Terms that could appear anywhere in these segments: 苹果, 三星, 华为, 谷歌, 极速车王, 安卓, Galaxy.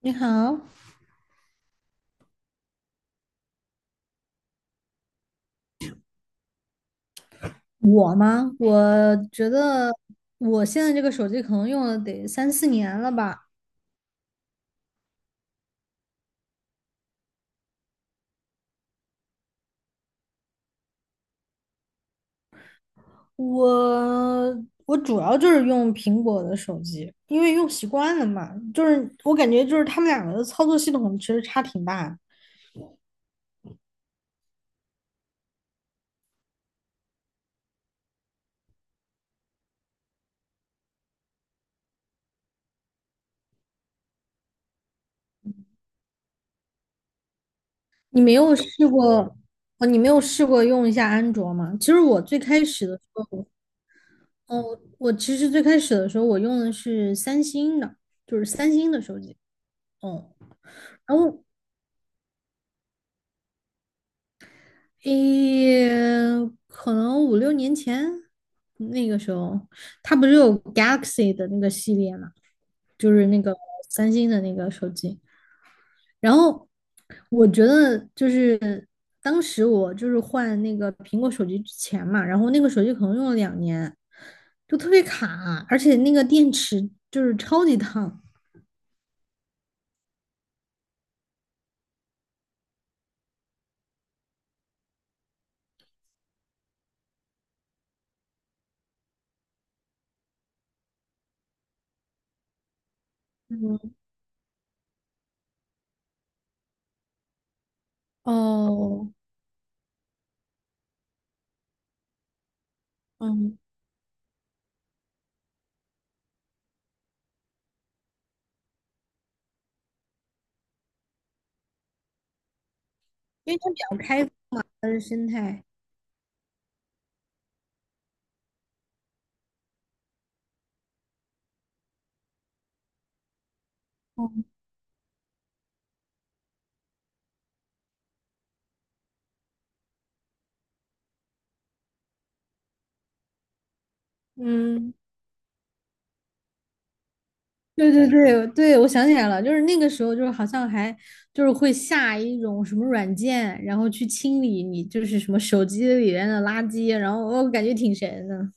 你好。我吗？我觉得我现在这个手机可能用了得三四年了吧。我主要就是用苹果的手机，因为用习惯了嘛。就是我感觉就是他们两个的操作系统其实差挺大的。你没有试过哦？你没有试过用一下安卓吗？其实我最开始的时候，哦，我其实最开始的时候我用的是三星的，就是三星的手机。嗯。然后诶，可能5、6年前那个时候，它不是有 Galaxy 的那个系列嘛，就是那个三星的那个手机。然后我觉得就是当时我就是换那个苹果手机之前嘛，然后那个手机可能用了2年，就特别卡，而且那个电池就是超级烫。嗯。哦。嗯。因为它比较开发的生态。嗯。嗯。对对对对，我想起来了，就是那个时候，就是好像还就是会下一种什么软件，然后去清理你就是什么手机里面的垃圾，然后我感觉挺神的。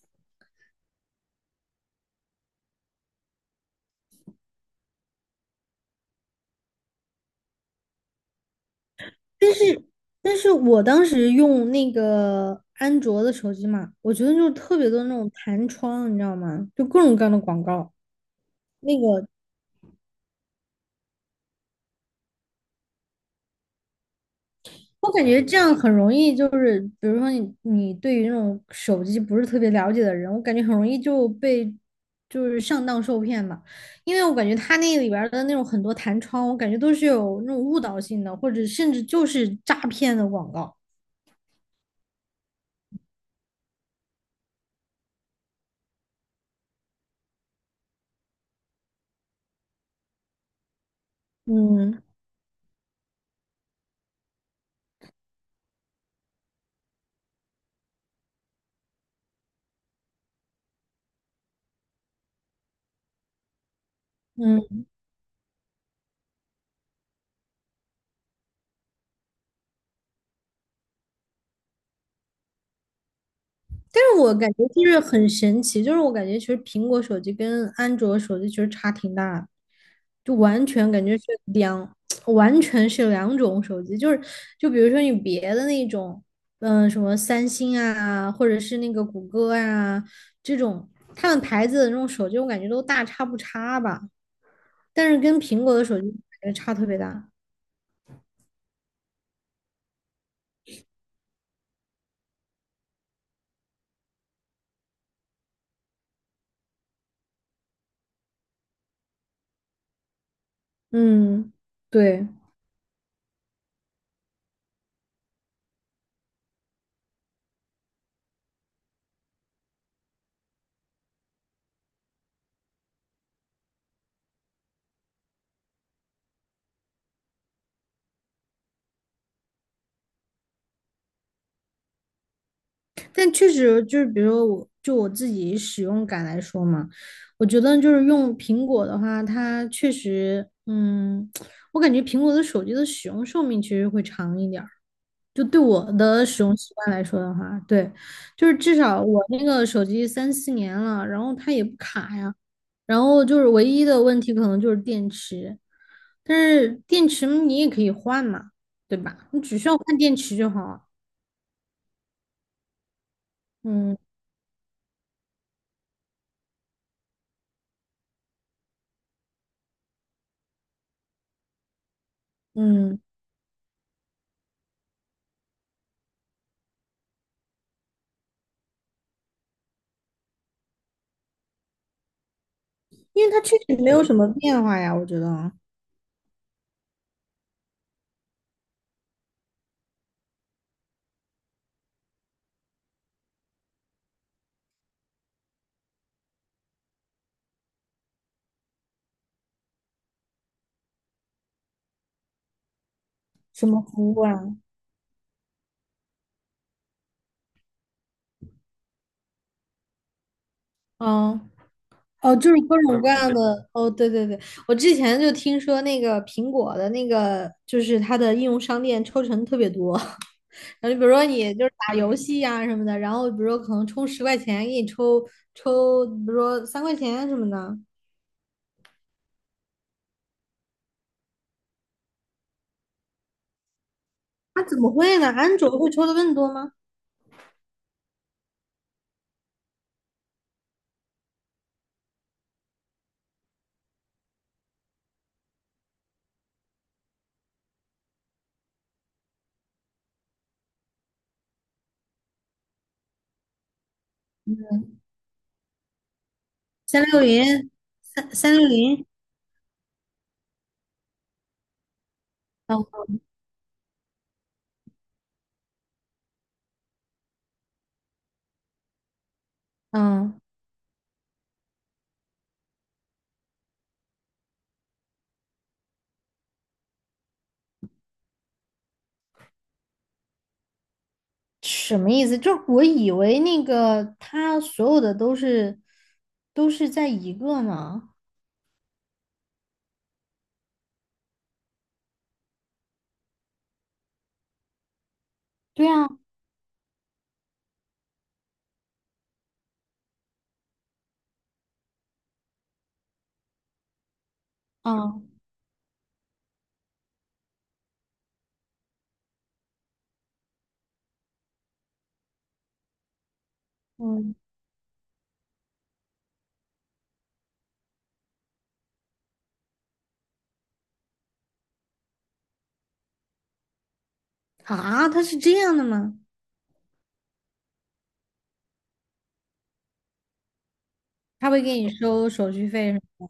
但是，但是我当时用那个安卓的手机嘛，我觉得就是特别多那种弹窗，你知道吗？就各种各样的广告。那个我感觉这样很容易，就是比如说你对于那种手机不是特别了解的人，我感觉很容易就被就是上当受骗吧，因为我感觉他那里边儿的那种很多弹窗，我感觉都是有那种误导性的，或者甚至就是诈骗的广告。嗯。嗯。但是我感觉就是很神奇，就是我感觉其实苹果手机跟安卓手机其实差挺大的，就完全感觉完全是两种手机。就是就比如说你别的那种，嗯、什么三星啊，或者是那个谷歌啊这种，他们牌子的那种手机，我感觉都大差不差吧。但是跟苹果的手机感觉差特别大。嗯。对。但确实就是，比如说我就我自己使用感来说嘛，我觉得就是用苹果的话，它确实，嗯，我感觉苹果的手机的使用寿命其实会长一点儿。就对我的使用习惯来说的话，对。就是至少我那个手机三四年了，然后它也不卡呀，然后就是唯一的问题可能就是电池。但是电池你也可以换嘛，对吧？你只需要换电池就好。嗯。嗯。因为它确实没有什么变化呀，我觉得啊。什么服务啊？嗯。哦，就是各种嗯各样的，哦，对对对，我之前就听说那个苹果的那个，就是它的应用商店抽成特别多，然后就比如说你就是打游戏呀、什么的，然后比如说可能充10块钱给你抽比如说3块钱什么的。那、怎么会呢？安卓会抽的更多吗？三六零。三六零，嗯。嗯。什么意思？就是我以为那个他所有的都是在一个呢。对啊。嗯。嗯。啊，他是这样的吗？他会给你收手续费是吗？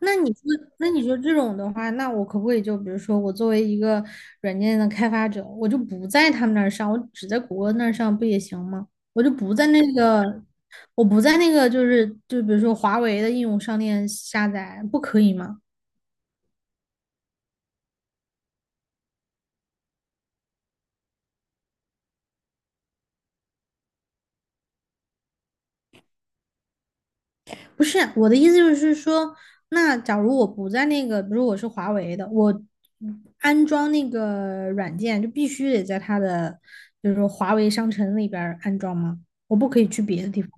那你说，那你说这种的话，那我可不可以就比如说，我作为一个软件的开发者，我就不在他们那儿上，我只在谷歌那儿上不也行吗？我就不在那个，我不在那个，就是就比如说华为的应用商店下载，不可以吗？不是我的意思就是说，那假如我不在那个，比如我是华为的，我安装那个软件就必须得在它的，就是说华为商城里边儿安装吗？我不可以去别的地方。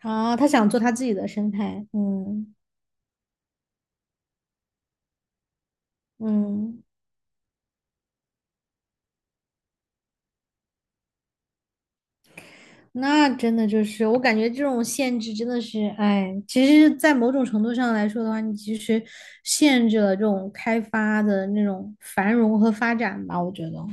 啊？他想做他自己的生态。嗯。嗯。那真的就是我感觉这种限制真的是，哎，其实，在某种程度上来说的话，你其实限制了这种开发的那种繁荣和发展吧，我觉得。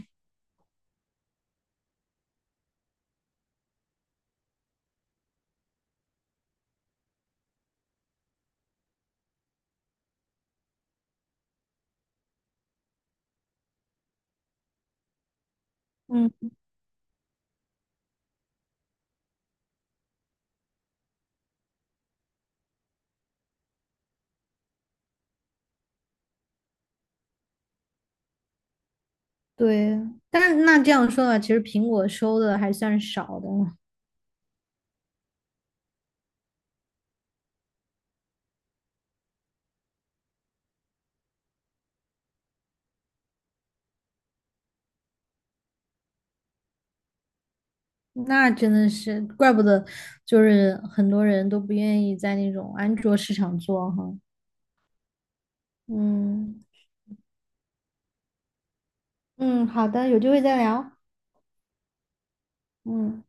嗯。对。但是那这样说的话，其实苹果收的还算少的。那真的是怪不得，就是很多人都不愿意在那种安卓市场做哈。嗯。嗯，好的，有机会再聊。嗯。